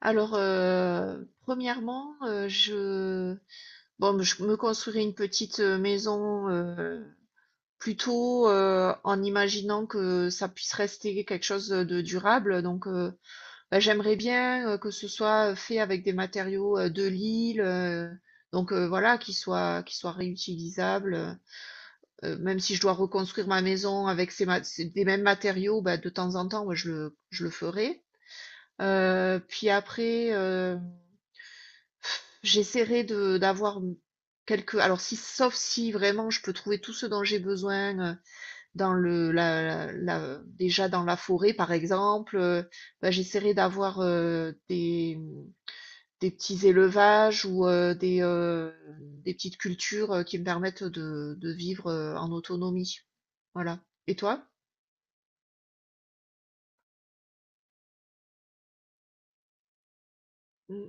Premièrement, bon, je me construirai une petite maison plutôt en imaginant que ça puisse rester quelque chose de durable. Bah, j'aimerais bien que ce soit fait avec des matériaux de l'île, voilà, qui soient réutilisables. Même si je dois reconstruire ma maison avec des mêmes matériaux, bah, de temps en temps, moi, je le ferai. Puis après. J'essaierai de d'avoir quelques alors si sauf si vraiment je peux trouver tout ce dont j'ai besoin, dans le la la la- déjà dans la forêt par exemple, bah, j'essaierai d'avoir, des petits élevages ou, des petites cultures, qui me permettent de vivre, en autonomie. Voilà. Et toi? Mmh.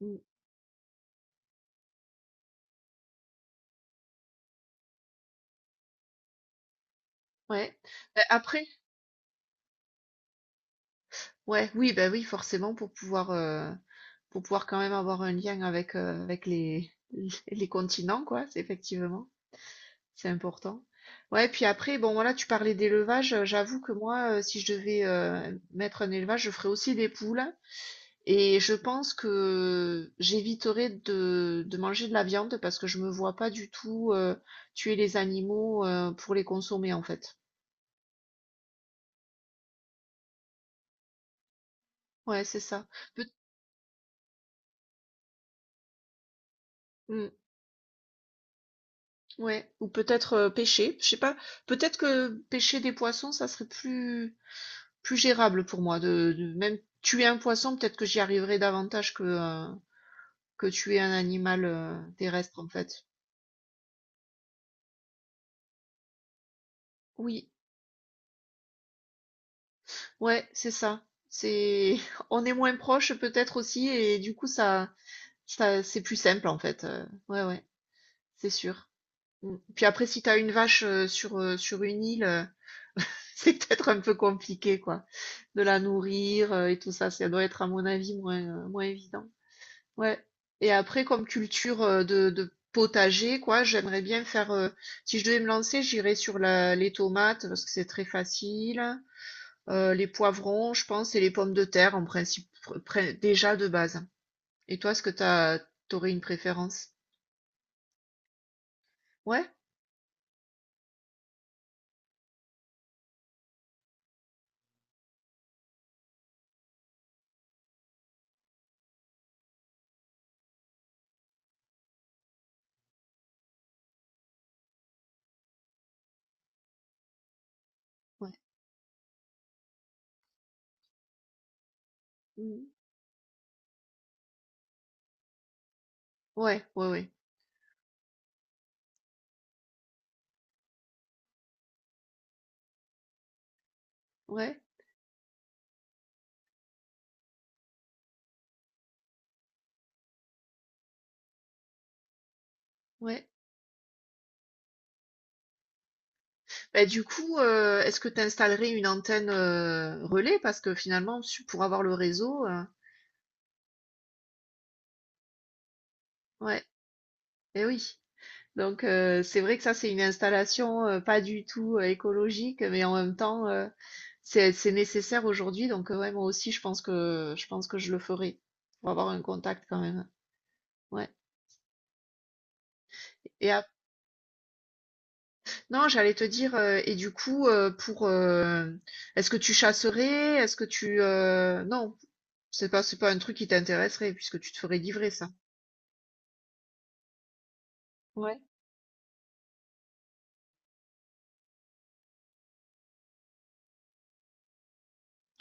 Mh. Ouais. Bah, après. Ouais, oui, bah oui, forcément, pour pouvoir quand même avoir un lien avec, avec les les continents, quoi, c'est effectivement, c'est important. Ouais, puis après, bon, voilà, tu parlais d'élevage, j'avoue que moi, si je devais, mettre un élevage, je ferais aussi des poules et je pense que j'éviterais de manger de la viande parce que je me vois pas du tout, tuer les animaux, pour les consommer, en fait. Ouais, c'est ça. Peut. Mmh. Ouais, ou peut-être pêcher, je sais pas, peut-être que pêcher des poissons, ça serait plus plus gérable pour moi même tuer un poisson, peut-être que j'y arriverais davantage que tuer un animal terrestre en fait. Oui, ouais, c'est ça. C'est on est moins proche peut-être aussi et du coup ça c'est plus simple en fait. Ouais, ouais, c'est sûr. Mm. Puis après si t'as une vache sur sur une île c'est peut-être un peu compliqué, quoi, de la nourrir, et tout ça. Ça doit être, à mon avis, moins, moins évident. Ouais. Et après, comme culture, de potager, quoi, j'aimerais bien faire, si je devais me lancer, j'irais sur la les tomates parce que c'est très facile, les poivrons, je pense et les pommes de terre, en principe, pr pré déjà de base. Et toi, est-ce que tu as une préférence? Ouais? Ouais. Mmh. Ouais, ouais, ouais. Ouais, ouais. Bah, du coup, est-ce que tu installerais une antenne, relais? Parce que finalement, su pour avoir le réseau, ouais, et oui. Donc c'est vrai que ça, c'est une installation, pas du tout, écologique, mais en même temps, c'est nécessaire aujourd'hui. Donc ouais, moi aussi, je pense que je le ferai pour avoir un contact quand même. Ouais. et ap Non, j'allais te dire, et du coup, est-ce que tu chasserais? Est-ce que tu, non, c'est pas un truc qui t'intéresserait puisque tu te ferais livrer ça? Ouais,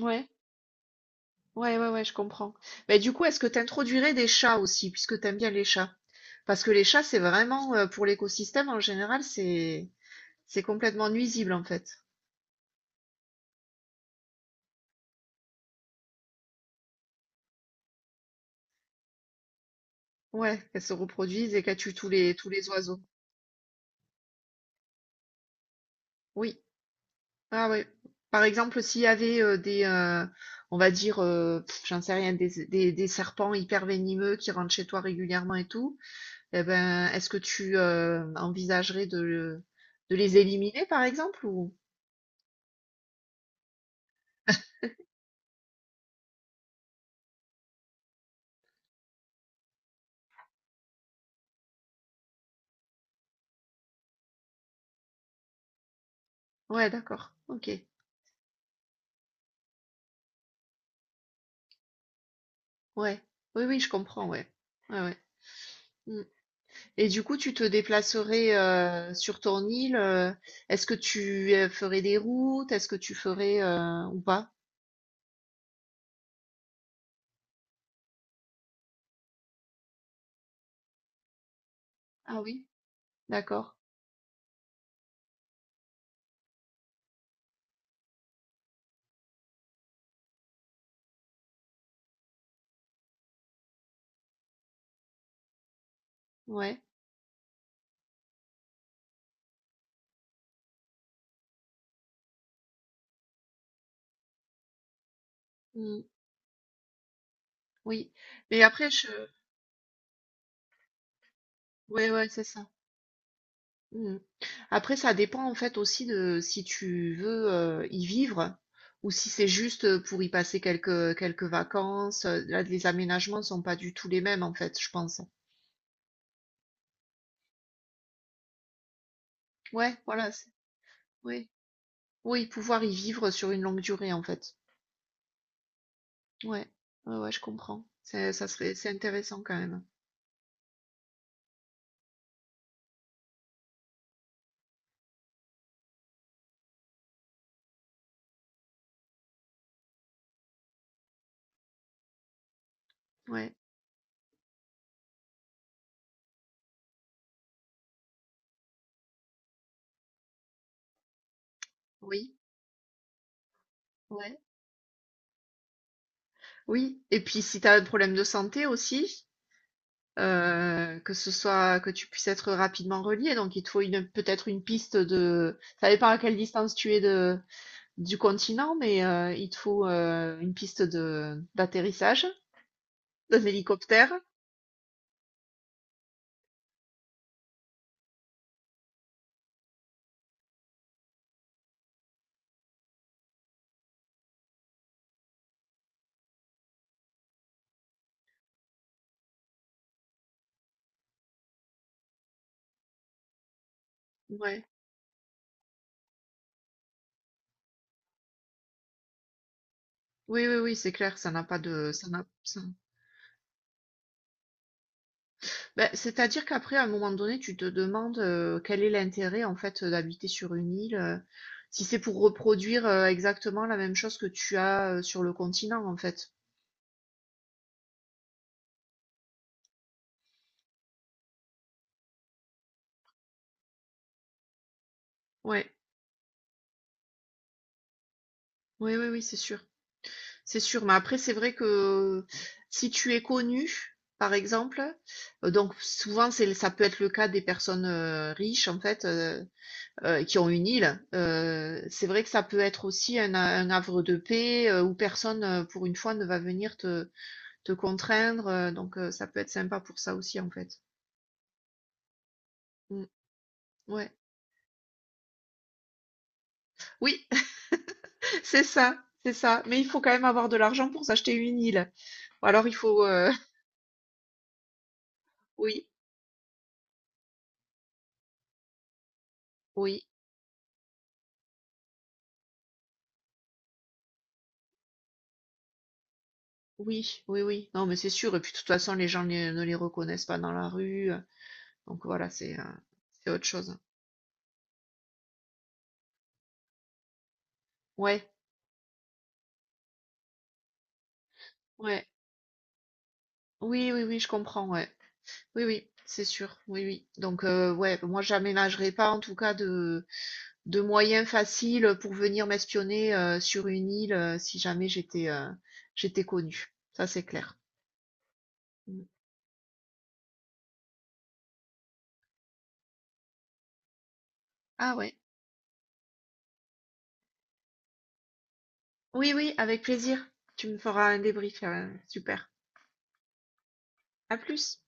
ouais, ouais, ouais, ouais, je comprends. Mais du coup, est-ce que tu introduirais des chats aussi, puisque tu aimes bien les chats? Parce que les chats, c'est vraiment, pour l'écosystème en général, c'est complètement nuisible en fait. Ouais, qu'elles se reproduisent et qu'elles tuent tous les oiseaux. Oui. Ah ouais. Par exemple, s'il y avait on va dire, j'en sais rien, des serpents hyper venimeux qui rentrent chez toi régulièrement et tout, eh ben, est-ce que tu envisagerais de les éliminer, par exemple, ou... Ouais, d'accord. OK. Ouais. Oui, oui, je comprends, ouais. Ouais, ouais. Mm. Et du coup, tu te déplacerais sur ton île. Est-ce que tu ferais des routes? Est-ce que tu ferais ou pas? Ah oui, d'accord. Ouais. Mm. Oui. Mais après, je. Ouais, ouais, c'est ça. Mm. Après, ça dépend en fait aussi de si tu veux y vivre ou si c'est juste pour y passer quelques vacances. Là, les aménagements sont pas du tout les mêmes en fait, je pense. Ouais, voilà. Oui, oui, pouvoir y vivre sur une longue durée en fait. Ouais, ouais, ouais, je comprends. C'est intéressant quand même. Ouais, oui, ouais, oui. Et puis si tu as un problème de santé aussi, que ce soit que tu puisses être rapidement relié, donc il te faut une peut-être une piste de, ça dépend à quelle distance tu es de du continent, mais il te faut une piste de d'atterrissage d'un hélicoptère. Ouais. Oui, oui, oui, c'est clair, ça n'a pas de, ça n'a, ça- Bah, c'est-à-dire qu'après, à un moment donné, tu te demandes quel est l'intérêt en fait d'habiter sur une île, si c'est pour reproduire exactement la même chose que tu as sur le continent en fait. Ouais, oui, oui, oui, c'est sûr, c'est sûr. Mais après, c'est vrai que si tu es connu, par exemple, donc souvent c'est ça peut être le cas des personnes riches en fait qui ont une île. C'est vrai que ça peut être aussi un havre de paix où personne pour une fois ne va venir te contraindre. Donc, ça peut être sympa pour ça aussi, en fait. Mm, ouais. Oui, c'est ça, c'est ça. Mais il faut quand même avoir de l'argent pour s'acheter une île. Ou alors, il faut. Oui, oui, oui, oui, oui. Non, mais c'est sûr. Et puis, de toute façon, les gens ne les reconnaissent pas dans la rue. Donc, voilà, c'est autre chose. Ouais, ouais. Oui, oui, oui, je comprends, ouais. Oui, oui, c'est sûr. Oui, oui. Donc, ouais, moi, j'aménagerai pas, en tout cas, de moyens faciles pour venir m'espionner sur une île si jamais j'étais connue. Ça, c'est clair. Mm. Ah ouais. Oui, oui, avec plaisir. Tu me feras un débrief. Super. À plus.